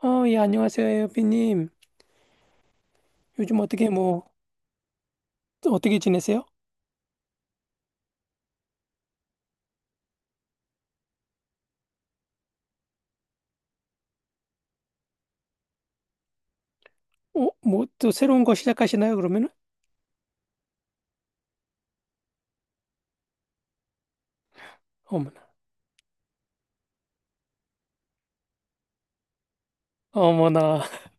아, 예, 안녕하세요, 에어비님. 요즘 어떻게 지내세요? 뭐, 또 새로운 거 시작하시나요, 그러면은? 어머나. 어머나.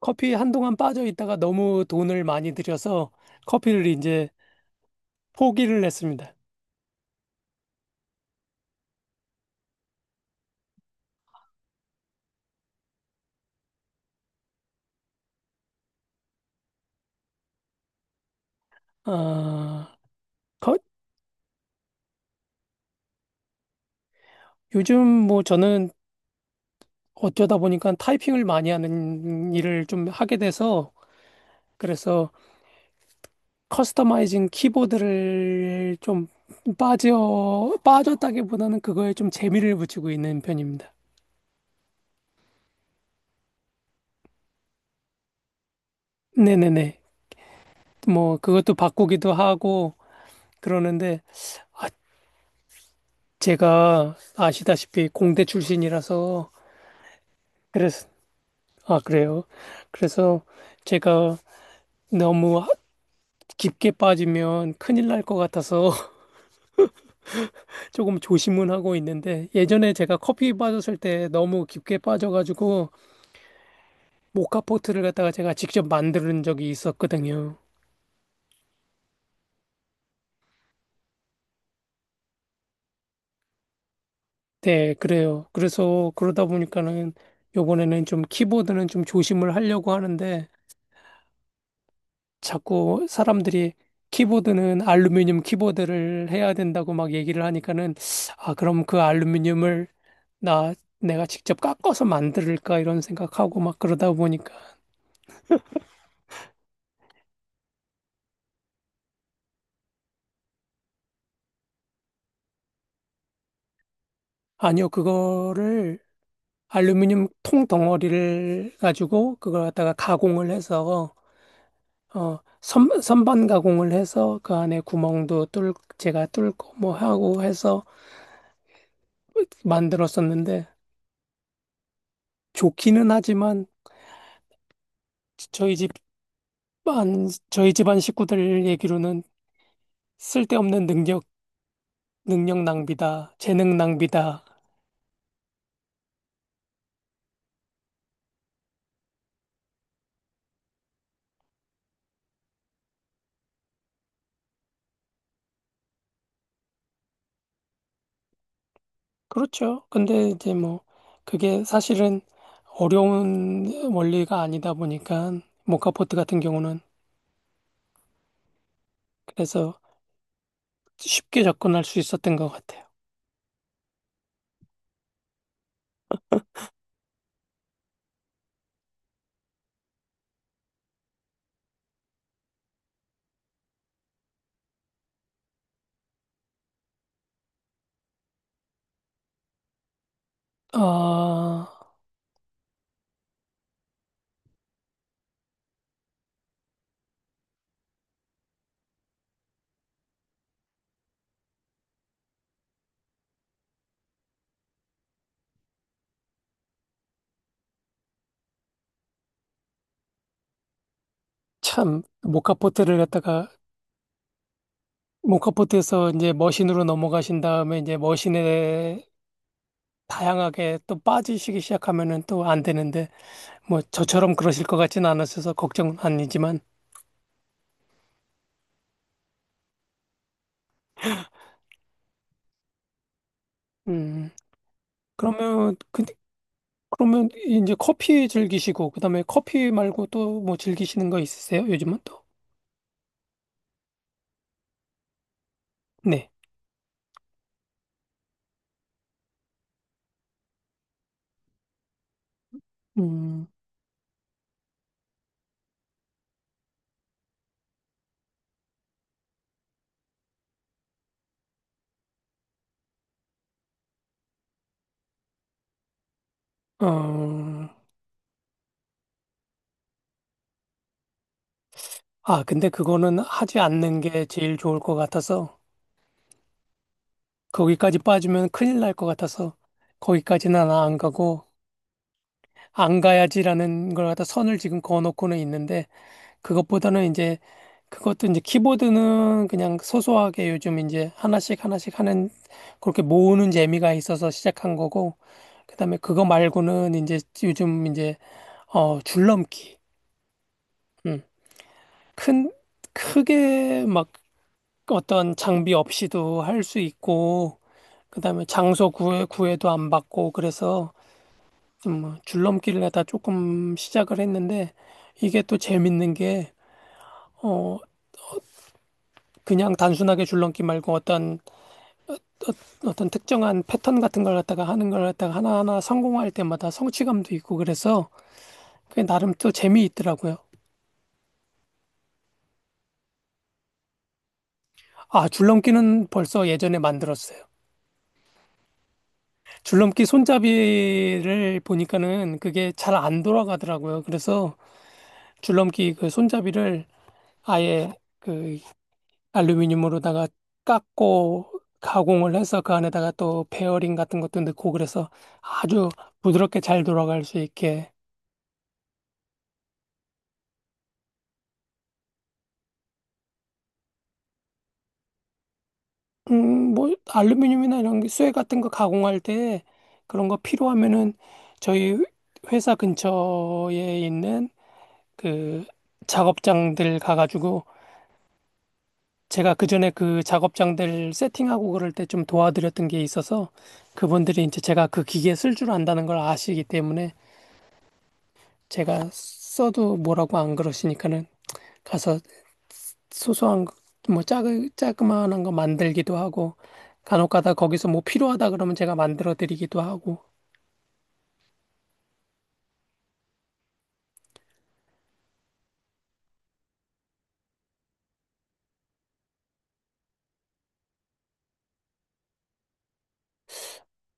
커피 한동안 빠져 있다가 너무 돈을 많이 들여서 커피를 이제 포기를 했습니다. 아, 거- 요즘 뭐 저는 어쩌다 보니까 타이핑을 많이 하는 일을 좀 하게 돼서, 그래서 커스터마이징 키보드를 좀 빠졌다기보다는 그거에 좀 재미를 붙이고 있는 편입니다. 네네네. 뭐, 그것도 바꾸기도 하고 그러는데, 아, 제가 아시다시피 공대 출신이라서, 그래서, 아, 그래요. 그래서 제가 너무 깊게 빠지면 큰일 날 것 같아서 조금 조심은 하고 있는데, 예전에 제가 커피 빠졌을 때 너무 깊게 빠져가지고, 모카포트를 갖다가 제가 직접 만드는 적이 있었거든요. 네, 그래요. 그래서 그러다 보니까는 요번에는 좀 키보드는 좀 조심을 하려고 하는데, 자꾸 사람들이 키보드는 알루미늄 키보드를 해야 된다고 막 얘기를 하니까는 아, 그럼 그 알루미늄을 나 내가 직접 깎아서 만들까 이런 생각하고 막 그러다 보니까 아니요, 그거를 알루미늄 통 덩어리를 가지고 그걸 갖다가 가공을 해서 선반 가공을 해서 그 안에 구멍도 뚫 제가 뚫고 뭐 하고 해서 만들었었는데, 좋기는 하지만 저희 집 만 저희 집안 식구들 얘기로는 쓸데없는 능력 낭비다, 재능 낭비다. 그렇죠. 근데 이제 뭐, 그게 사실은 어려운 원리가 아니다 보니까, 모카포트 같은 경우는 그래서 쉽게 접근할 수 있었던 것 같아요. 아, 참, 모카포트에서 이제 머신으로 넘어가신 다음에 이제 머신에 다양하게 또 빠지시기 시작하면은 또 안 되는데, 뭐 저처럼 그러실 것 같진 않으셔서 걱정은 아니지만, 음, 그러면, 그, 그러면 이제 커피 즐기시고, 그 다음에 커피 말고 또 뭐 즐기시는 거 있으세요? 요즘은 또? 네. 음, 어, 아, 근데 그거는 하지 않는 게 제일 좋을 것 같아서, 거기까지 빠지면 큰일 날 것 같아서, 거기까지는 안 가고, 안 가야지라는 걸 갖다 선을 지금 그어놓고는 있는데, 그것보다는 이제 그것도 이제 키보드는 그냥 소소하게 요즘 이제 하나씩 하나씩 하는 그렇게 모으는 재미가 있어서 시작한 거고, 그다음에 그거 말고는 이제 요즘 이제 줄넘기. 음. 큰 크게 막 어떤 장비 없이도 할 수 있고, 그다음에 장소 구해 구애도 안 받고, 그래서 좀 뭐 줄넘기를 하다 조금 시작을 했는데 이게 또 재밌는 게어 그냥 단순하게 줄넘기 말고 어떤 떤 특정한 패턴 같은 걸 갖다가 하는 걸 갖다가 하나하나 성공할 때마다 성취감도 있고, 그래서 그게 나름 또 재미있더라고요. 아, 줄넘기는 벌써 예전에 만들었어요. 줄넘기 손잡이를 보니까는 그게 잘 안 돌아가더라고요. 그래서 줄넘기 그 손잡이를 아예 그 알루미늄으로다가 깎고 가공을 해서 그 안에다가 또 베어링 같은 것도 넣고, 그래서 아주 부드럽게 잘 돌아갈 수 있게. 뭐, 알루미늄이나 이런 게 쇠 같은 거 가공할 때, 그런 거 필요하면은 저희 회사 근처에 있는 그 작업장들 가가지고, 제가 그전에 그 작업장들 세팅하고 그럴 때 좀 도와드렸던 게 있어서 그분들이 이제 제가 그 기계 쓸 줄 안다는 걸 아시기 때문에 제가 써도 뭐라고 안 그러시니까는 가서 소소한 거, 뭐 작은 자그마한 거 만들기도 하고, 간혹가다 거기서 뭐 필요하다 그러면 제가 만들어 드리기도 하고.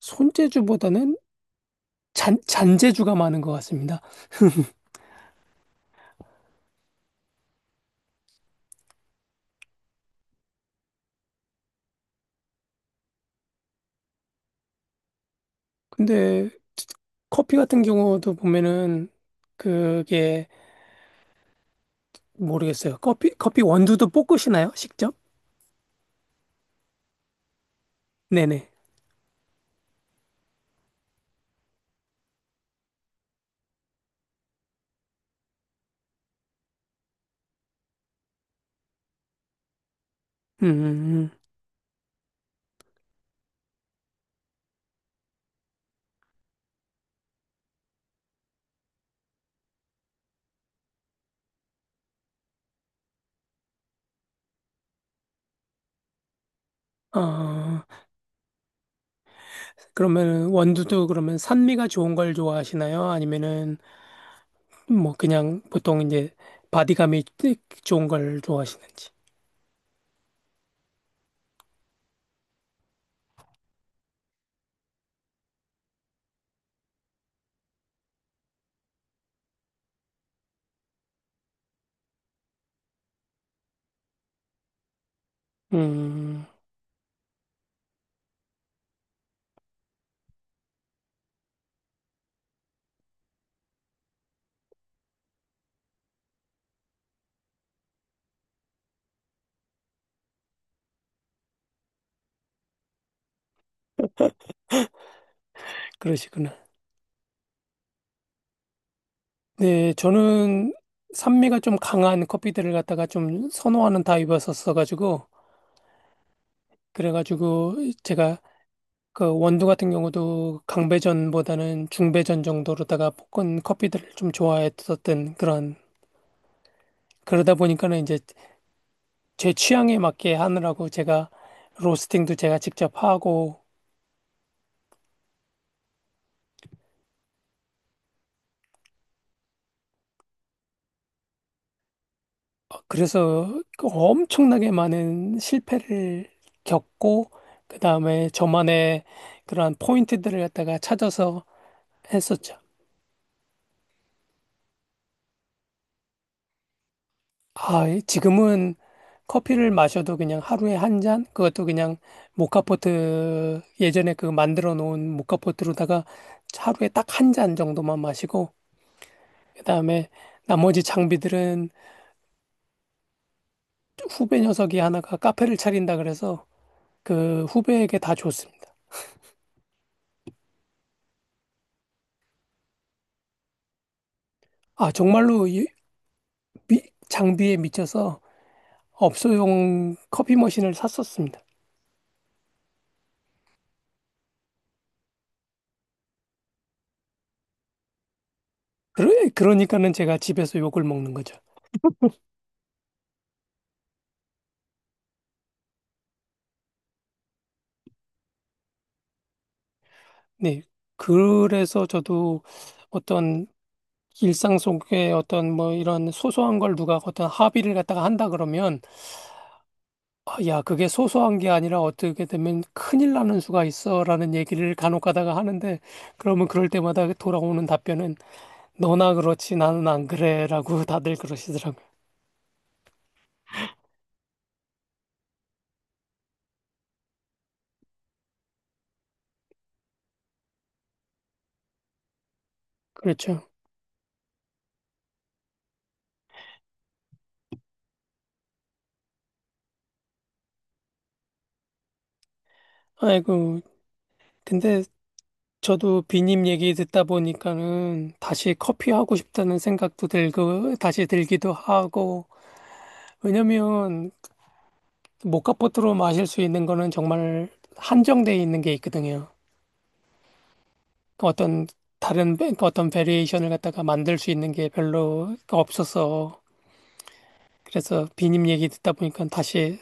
손재주보다는 잔 잔재주가 많은 것 같습니다. 근데 커피 같은 경우도 보면은 그게 모르겠어요. 커피 원두도 볶으시나요? 직접? 네네. 음. 아, 그러면 원두도 그러면 산미가 좋은 걸 좋아하시나요? 아니면은 뭐 그냥 보통 이제 바디감이 좋은 걸 좋아하시는지. 음, 그러시구나. 네, 저는 산미가 좀 강한 커피들을 갖다가 좀 선호하는 타입이었었어가지고, 그래가지고 제가 그 원두 같은 경우도 강배전보다는 중배전 정도로다가 볶은 커피들을 좀 좋아했었던 그런, 그러다 보니까는 이제 제 취향에 맞게 하느라고 제가 로스팅도 제가 직접 하고, 그래서 그 엄청나게 많은 실패를 겪고, 그 다음에 저만의 그러한 포인트들을 갖다가 찾아서 했었죠. 아, 지금은 커피를 마셔도 그냥 하루에 한 잔? 그것도 그냥 모카포트, 예전에 그 만들어 놓은 모카포트로다가 하루에 딱 한 잔 정도만 마시고, 그 다음에 나머지 장비들은 후배 녀석이 하나가 카페를 차린다 그래서 그 후배에게 다 줬습니다. 아, 정말로 미- 장비에 미쳐서 업소용 커피 머신을 샀었습니다. 그러니까는 제가 집에서 욕을 먹는 거죠. 네. 그래서 저도 어떤 일상 속에 어떤 뭐 이런 소소한 걸 누가 어떤 합의를 갖다가 한다 그러면, 아, 야, 그게 소소한 게 아니라 어떻게 되면 큰일 나는 수가 있어라는 얘기를 간혹 가다가 하는데, 그러면 그럴 때마다 돌아오는 답변은 너나 그렇지 나는 안 그래라고 다들 그러시더라고요. 그렇죠. 아이고, 근데 저도 비님 얘기 듣다 보니까는 다시 커피 하고 싶다는 생각도 들고, 다시 들기도 하고, 왜냐면 모카포트로 마실 수 있는 거는 정말 한정돼 있는 게 있거든요. 그 어떤 다른 그 어떤 베리에이션을 갖다가 만들 수 있는 게 별로 없어서, 그래서 비님 얘기 듣다 보니까 다시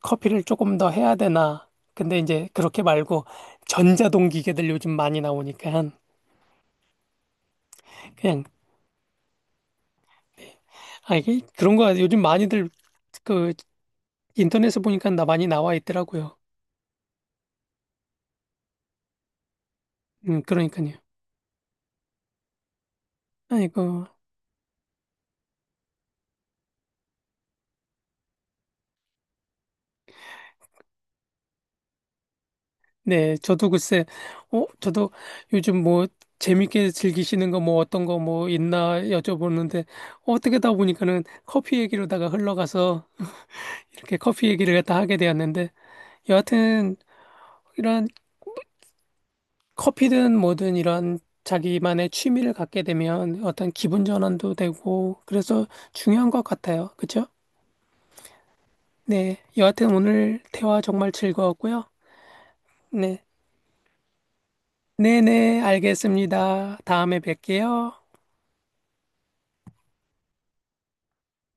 커피를 조금 더 해야 되나. 근데 이제 그렇게 말고 전자동 기계들 요즘 많이 나오니까 그냥 아 이게 그런 거 요즘 많이들 그 인터넷에 보니까 나 많이 나와 있더라고요. 그러니까요. 아이고, 네, 저도 글쎄, 저도 요즘 뭐 재밌게 즐기시는 거 뭐 어떤 거 뭐 있나 여쭤보는데 어떻게 다 보니까는 커피 얘기로다가 흘러가서 이렇게 커피 얘기를 갖다 하게 되었는데, 여하튼 이런 커피든 뭐든 이런 자기만의 취미를 갖게 되면 어떤 기분 전환도 되고, 그래서 중요한 것 같아요. 그죠? 네, 여하튼 오늘 대화 정말 즐거웠고요. 네. 네네, 알겠습니다. 다음에 뵐게요.